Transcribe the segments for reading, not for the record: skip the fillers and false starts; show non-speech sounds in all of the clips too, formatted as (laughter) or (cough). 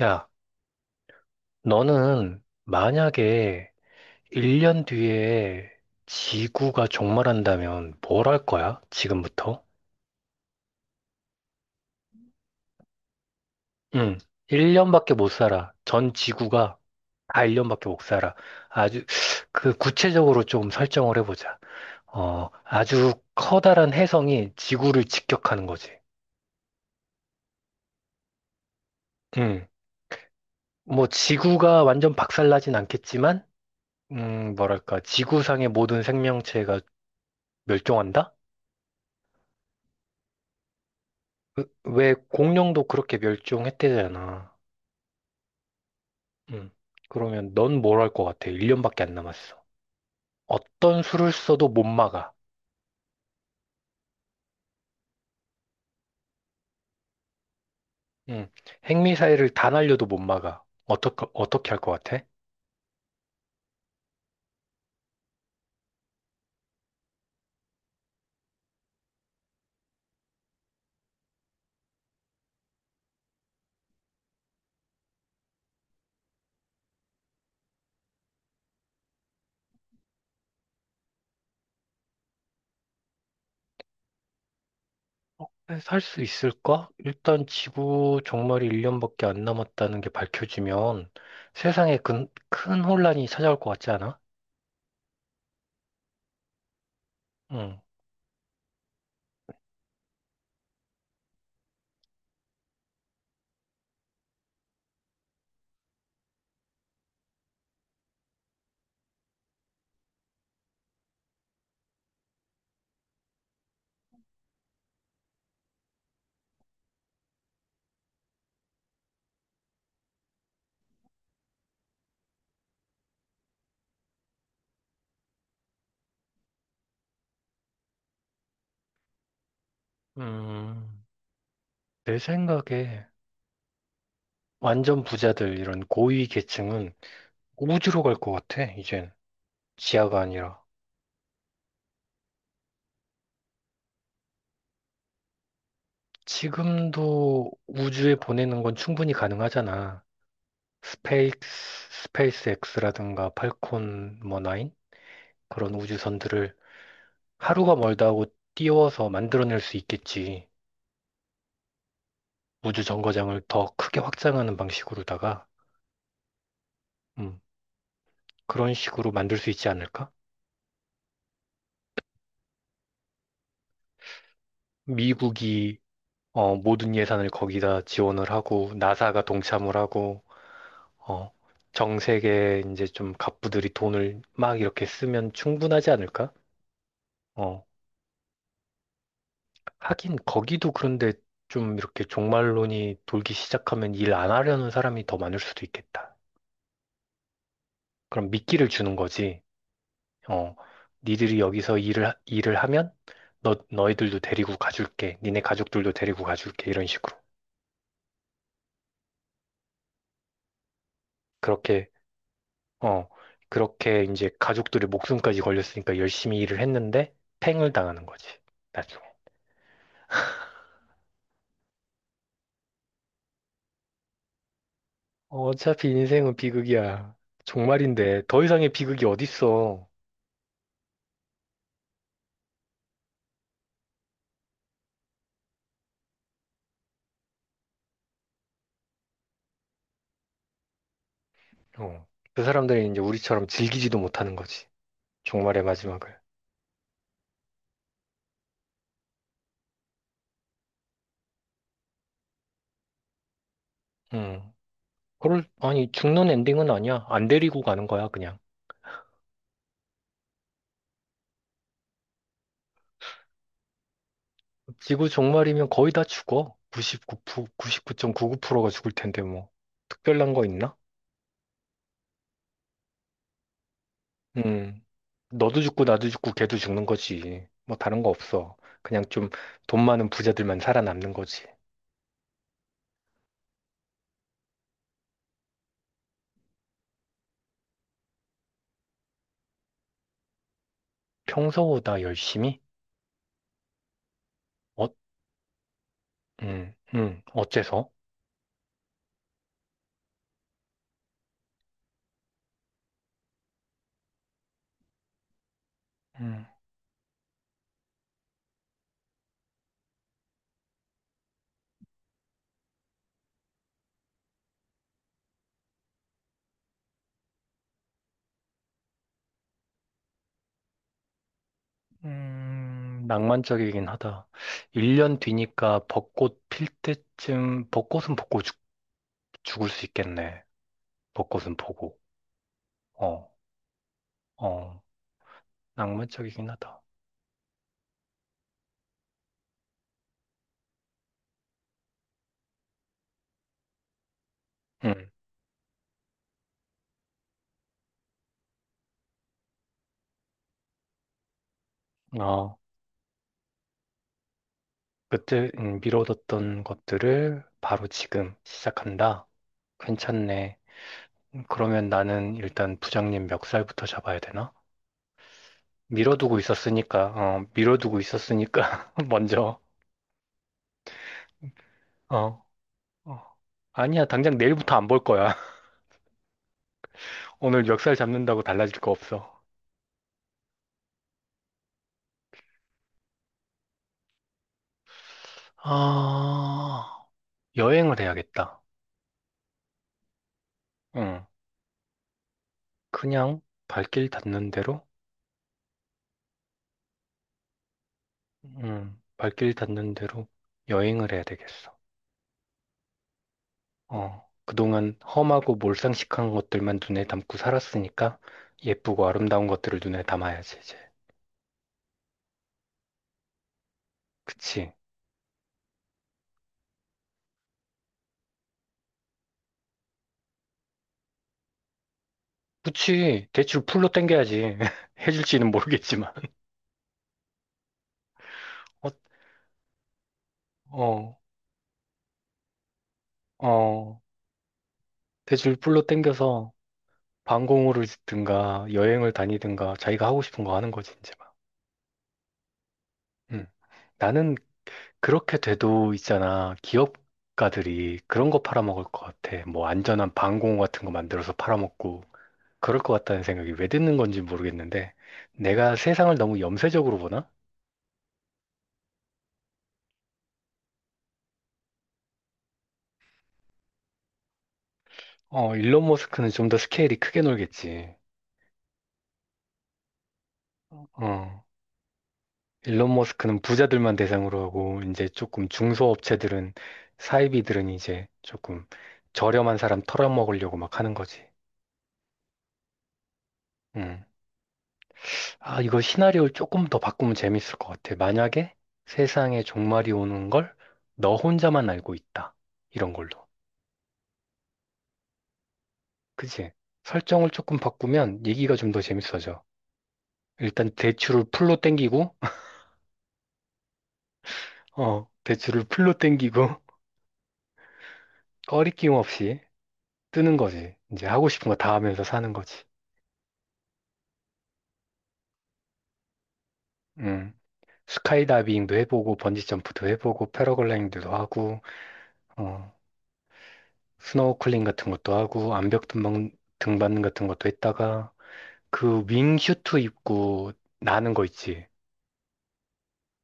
야, 너는 만약에 1년 뒤에 지구가 종말한다면 뭘 할 거야? 지금부터? 응, 1년밖에 못 살아. 전 지구가 다 1년밖에 못 살아. 아주, 그 구체적으로 좀 설정을 해보자. 아주 커다란 혜성이 지구를 직격하는 거지. 응, 뭐 지구가 완전 박살나진 않겠지만, 뭐랄까, 지구상의 모든 생명체가 멸종한다? 왜 공룡도 그렇게 멸종했대잖아. 응. 그러면 넌 뭘 할 것 같아? 1년밖에 안 남았어. 어떤 수를 써도 못 막아. 응. 핵미사일을 다 날려도 못 막아. 어떻게 할 것 같아? 살 수 있을까? 일단 지구 종말이 1년밖에 안 남았다는 게 밝혀지면 세상에 큰 혼란이 찾아올 것 같지 않아? 응. 음, 내 생각에 완전 부자들, 이런 고위 계층은 우주로 갈 것 같아, 이젠. 지하가 아니라. 지금도 우주에 보내는 건 충분히 가능하잖아. 스페이스, 스페이스 X라든가 팔콘 뭐 9? 그런 우주선들을 하루가 멀다 하고 띄워서 만들어낼 수 있겠지. 우주 정거장을 더 크게 확장하는 방식으로다가, 음, 그런 식으로 만들 수 있지 않을까? 미국이, 모든 예산을 거기다 지원을 하고, 나사가 동참을 하고, 어, 전 세계 이제 좀 갑부들이 돈을 막 이렇게 쓰면 충분하지 않을까? 어, 하긴 거기도 그런데 좀 이렇게 종말론이 돌기 시작하면 일 안 하려는 사람이 더 많을 수도 있겠다. 그럼 미끼를 주는 거지. 어, 니들이 여기서 일을 하면 너희들도 데리고 가줄게. 니네 가족들도 데리고 가줄게. 이런 식으로. 그렇게, 어, 그렇게 이제 가족들의 목숨까지 걸렸으니까 열심히 일을 했는데 팽을 당하는 거지. 나중에. 어차피 인생은 비극이야. 종말인데 더 이상의 비극이 어딨어. 어. 그 사람들이 이제 우리처럼 즐기지도 못하는 거지. 종말의 마지막을. 음. 그걸, 아니, 죽는 엔딩은 아니야. 안 데리고 가는 거야, 그냥. 지구 종말이면 거의 다 죽어. 99%, 9 9가 죽을 텐데, 뭐. 특별한 거 있나? 음. 너도 죽고, 나도 죽고, 걔도 죽는 거지. 뭐, 다른 거 없어. 그냥 좀 돈 많은 부자들만 살아남는 거지. 평소보다 열심히? 어, 어째서? 낭만적이긴 하다. 1년 뒤니까 벚꽃 필 때쯤, 벚꽃 죽을 수 있겠네. 벚꽃은 보고. 어, 어, 낭만적이긴 하다. 음, 어, 그때 미뤄뒀던 것들을 바로 지금 시작한다. 괜찮네. 그러면 나는 일단 부장님 멱살부터 잡아야 되나? 미뤄두고 있었으니까, 어, 미뤄두고 있었으니까, (laughs) 먼저, 어, 어. 아니야, 당장 내일부터 안 볼 거야. 오늘 역살 잡는다고 달라질 거 없어. 아, 여행을 해야겠다. 응. 그냥 발길 닿는 대로, 응. 발길 닿는 대로 여행을 해야 되겠어. 어. 그동안 험하고 몰상식한 것들만 눈에 담고 살았으니까 예쁘고 아름다운 것들을 눈에 담아야지, 이제. 그치. 그치. 대출 풀로 땡겨야지. (laughs) 해줄지는 모르겠지만. 어, 어, 어. 대출 풀로 땡겨서 방공호를 짓든가 여행을 다니든가 자기가 하고 싶은 거 하는 거지 이제 막. 음. 나는 그렇게 돼도 있잖아. 기업가들이 그런 거 팔아먹을 것 같아. 뭐 안전한 방공호 같은 거 만들어서 팔아먹고 그럴 것 같다는 생각이 왜 드는 건지 모르겠는데 내가 세상을 너무 염세적으로 보나? 어, 일론 머스크는 좀 더 스케일이 크게 놀겠지. 어. 일론 머스크는 부자들만 대상으로 하고 이제 조금 중소업체들은 사이비들은 이제 조금 저렴한 사람 털어먹으려고 막 하는 거지. 음. 아, 이거 시나리오를 조금 더 바꾸면 재밌을 것 같아. 만약에 세상에 종말이 오는 걸 너 혼자만 알고 있다. 이런 걸로. 그치? 설정을 조금 바꾸면 얘기가 좀 더 재밌어져. 일단 대출을 풀로 땡기고, (laughs) 어, 대출을 풀로 땡기고, (laughs) 꺼리낌 없이 뜨는 거지. 이제 하고 싶은 거 다 하면서 사는 거지. 음. 스카이다이빙도 해보고 번지점프도 해보고 패러글라이딩도 하고 어, 스노클링 같은 것도 하고 암벽 등반 같은 것도 했다가 그 윙슈트 입고 나는 거 있지.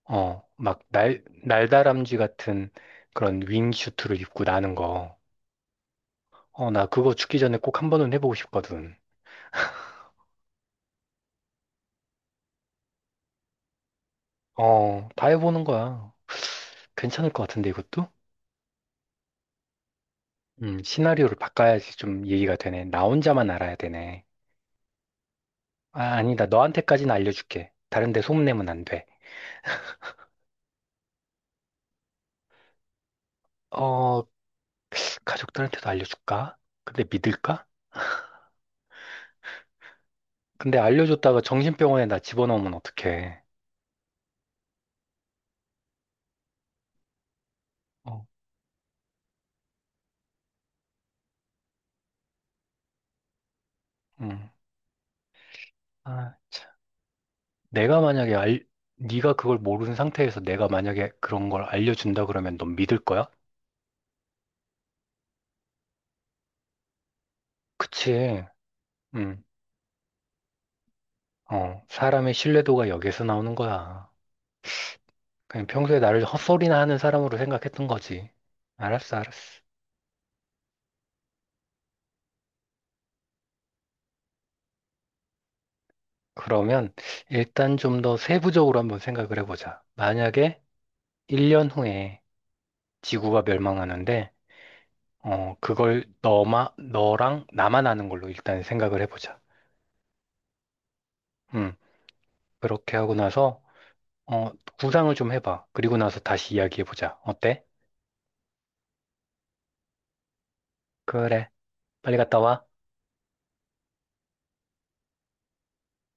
막 날다람쥐 같은 그런 윙슈트를 입고 나는 거. 나 그거 죽기 전에 꼭 한 번은 해보고 싶거든. 어, 다 해보는 거야. 괜찮을 것 같은데 이것도? 시나리오를 바꿔야지 좀 얘기가 되네. 나 혼자만 알아야 되네. 아, 아니다. 너한테까지는 알려줄게. 다른 데 소문내면 안 돼. 어, 가족들한테도 알려줄까? 근데 믿을까? 근데 알려줬다가 정신병원에 나 집어넣으면 어떡해. 어, 음. 아, 참. 내가 만약에 알, 네가 그걸 모르는 상태에서 내가 만약에 그런 걸 알려준다 그러면 넌 믿을 거야? 그치. 음. 사람의 신뢰도가 여기에서 나오는 거야. 그냥 평소에 나를 헛소리나 하는 사람으로 생각했던 거지. 알았어, 알았어. 그러면 일단 좀 더 세부적으로 한번 생각을 해보자. 만약에 1년 후에 지구가 멸망하는데, 그걸 너랑 나만 아는 걸로 일단 생각을 해보자. 음, 그렇게 하고 나서, 어, 구상을 좀 해봐. 그리고 나서 다시 이야기해보자. 어때? 그래. 빨리 갔다 와.